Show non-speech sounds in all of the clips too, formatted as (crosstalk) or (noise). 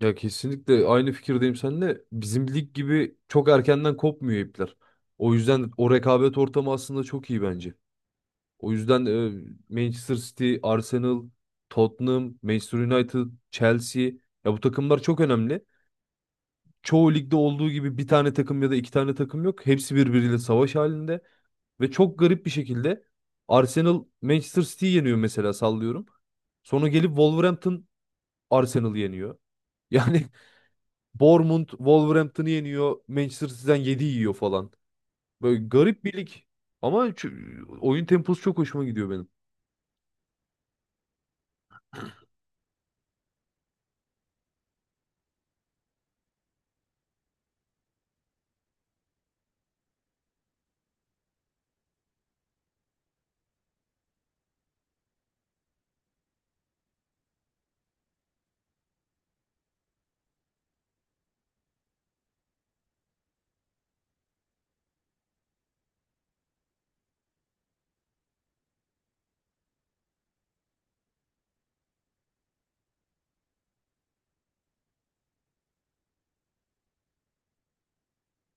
Ya kesinlikle aynı fikirdeyim seninle. Bizim lig gibi çok erkenden kopmuyor ipler. O yüzden o rekabet ortamı aslında çok iyi bence. O yüzden Manchester City, Arsenal, Tottenham, Manchester United, Chelsea ya bu takımlar çok önemli. Çoğu ligde olduğu gibi bir tane takım ya da iki tane takım yok. Hepsi birbiriyle savaş halinde ve çok garip bir şekilde Arsenal Manchester City'yi yeniyor mesela sallıyorum. Sonra gelip Wolverhampton Arsenal'ı yeniyor. Yani (laughs) Bournemouth Wolverhampton'ı yeniyor. Manchester City'den 7 yiyor falan. Böyle garip bir lig. Ama oyun temposu çok hoşuma gidiyor benim.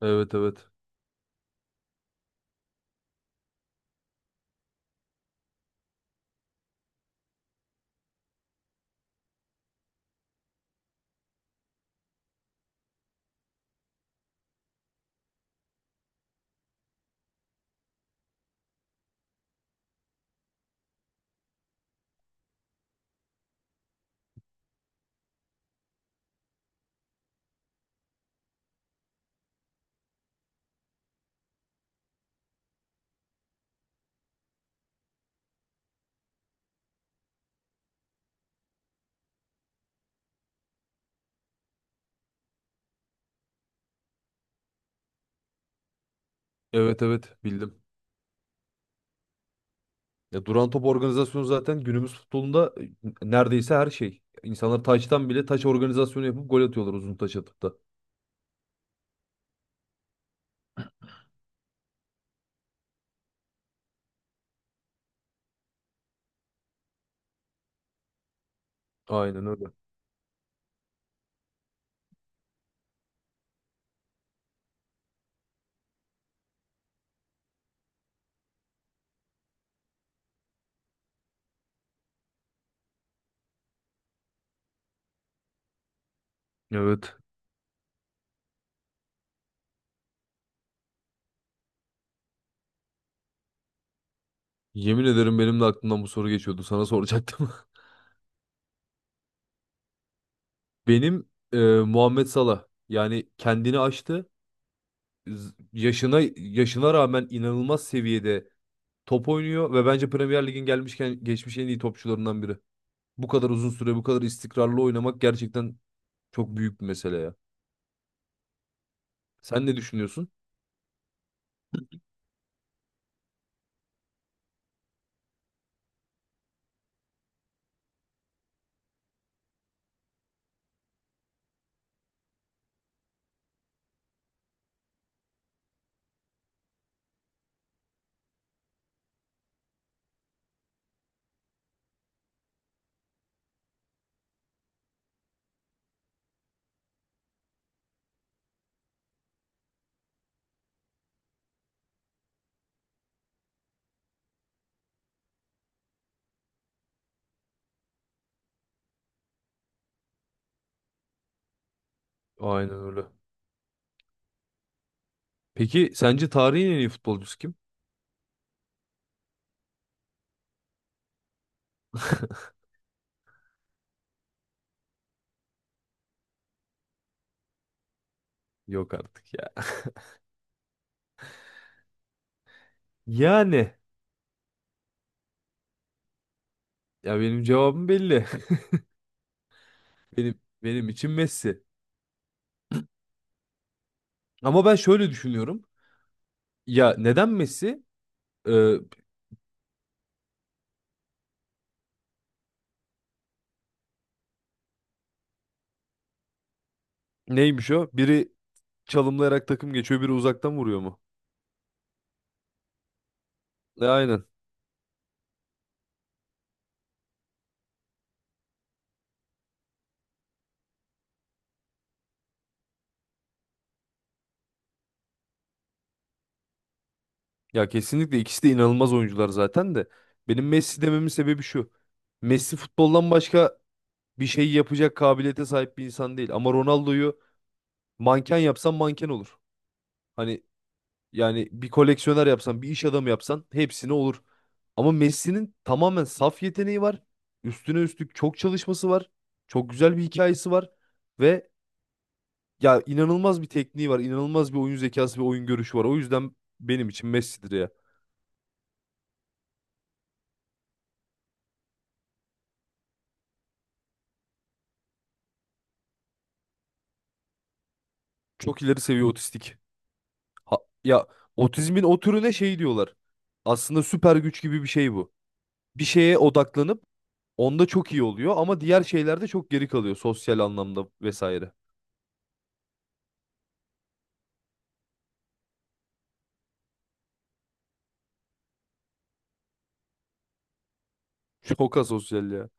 Evet evet. Evet evet bildim. Ya duran top organizasyonu zaten günümüz futbolunda neredeyse her şey. İnsanlar taçtan bile taç organizasyonu yapıp gol atıyorlar uzun taç atıp da. Aynen öyle. Evet. Yemin ederim benim de aklımdan bu soru geçiyordu. Sana soracaktım. (laughs) Benim Muhammed Salah yani kendini aştı. Yaşına rağmen inanılmaz seviyede top oynuyor ve bence Premier Lig'in gelmişken geçmiş en iyi topçularından biri. Bu kadar uzun süre, bu kadar istikrarlı oynamak gerçekten çok büyük bir mesele ya. Sen ne düşünüyorsun? Aynen öyle. Peki sence tarihin en iyi futbolcusu kim? (laughs) Yok artık ya. (laughs) Yani ya benim cevabım belli. (laughs) Benim için Messi. Ama ben şöyle düşünüyorum. Ya neden Messi? Ee, neymiş o? Biri çalımlayarak takım geçiyor, biri uzaktan vuruyor mu? Aynen. Ya kesinlikle ikisi de inanılmaz oyuncular zaten de. Benim Messi dememin sebebi şu. Messi futboldan başka bir şey yapacak kabiliyete sahip bir insan değil. Ama Ronaldo'yu manken yapsan manken olur. Hani yani bir koleksiyoner yapsan, bir iş adamı yapsan hepsine olur. Ama Messi'nin tamamen saf yeteneği var. Üstüne üstlük çok çalışması var. Çok güzel bir hikayesi var. Ve ya inanılmaz bir tekniği var. İnanılmaz bir oyun zekası ve oyun görüşü var. O yüzden benim için Messi'dir ya. Çok ileri seviye otistik. Ha- ya otizmin o türüne şey diyorlar. Aslında süper güç gibi bir şey bu. Bir şeye odaklanıp onda çok iyi oluyor ama diğer şeylerde çok geri kalıyor sosyal anlamda vesaire. Çok asosyal ya.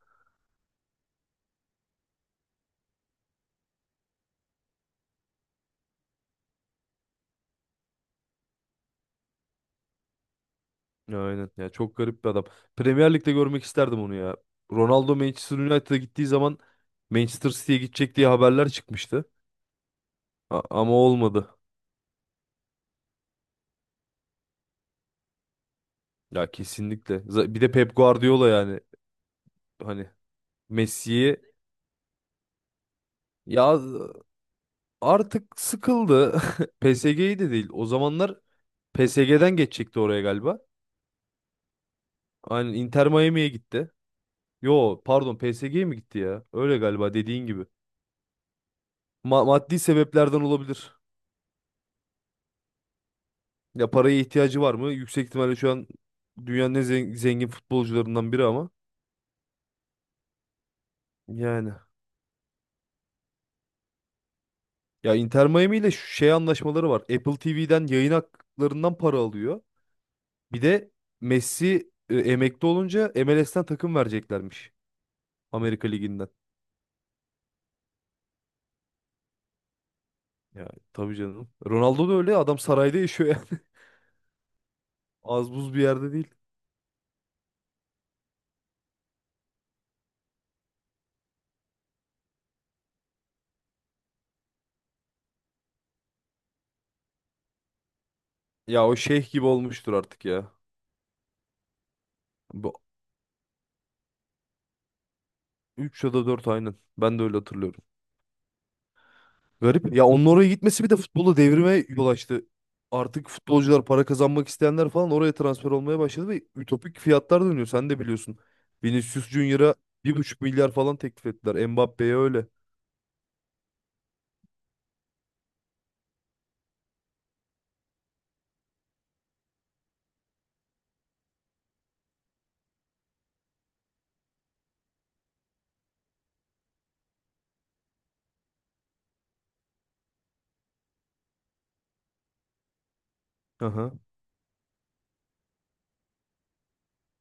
Ya aynen ya çok garip bir adam. Premier Lig'de görmek isterdim onu ya. Ronaldo Manchester United'a gittiği zaman Manchester City'ye gidecek diye haberler çıkmıştı. Ama olmadı. Ya kesinlikle. Bir de Pep Guardiola yani hani Messi'yi ya artık sıkıldı. (laughs) PSG'yi de değil. O zamanlar PSG'den geçecekti oraya galiba. Aynen Inter Miami'ye gitti. Yo pardon PSG'ye mi gitti ya? Öyle galiba dediğin gibi. Maddi sebeplerden olabilir. Ya paraya ihtiyacı var mı? Yüksek ihtimalle şu an dünyanın en zengin futbolcularından biri ama. Yani. Ya Inter Miami ile şu şey anlaşmaları var. Apple TV'den yayın haklarından para alıyor. Bir de Messi emekli olunca MLS'ten takım vereceklermiş. Amerika Ligi'nden. Ya tabii canım. Ronaldo da öyle ya, adam sarayda yaşıyor yani. (laughs) Az buz bir yerde değil. Ya o şeyh gibi olmuştur artık ya. Bu 3 ya da 4 aynen. Ben de öyle hatırlıyorum. Garip. Ya onun oraya gitmesi bir de futbolu devrime yol açtı. Artık futbolcular para kazanmak isteyenler falan oraya transfer olmaya başladı ve ütopik fiyatlar dönüyor. Sen de biliyorsun. Vinicius Junior'a 1,5 milyar falan teklif ettiler. Mbappe'ye öyle. Aha.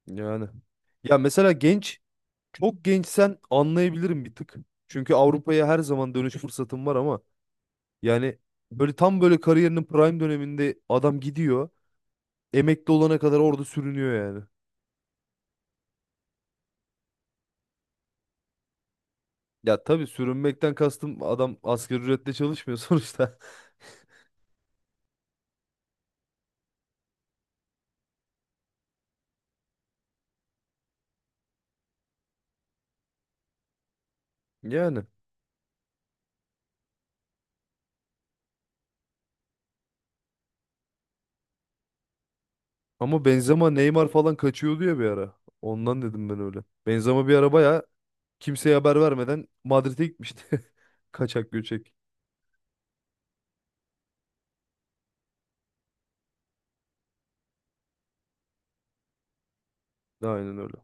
Yani. Ya mesela genç çok gençsen anlayabilirim bir tık. Çünkü Avrupa'ya her zaman dönüş fırsatım var ama yani böyle tam böyle kariyerinin prime döneminde adam gidiyor. Emekli olana kadar orada sürünüyor yani. Ya tabii sürünmekten kastım adam asgari ücretle çalışmıyor (laughs) sonuçta. Yani ama Benzema Neymar falan kaçıyordu ya bir ara. Ondan dedim ben öyle. Benzema bir ara bayağı kimseye haber vermeden Madrid'e gitmişti. (laughs) Kaçak göçek. Aynen öyle.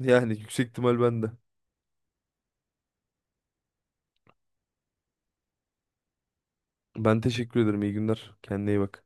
Yani yüksek ihtimal bende. Ben teşekkür ederim. İyi günler. Kendine iyi bak.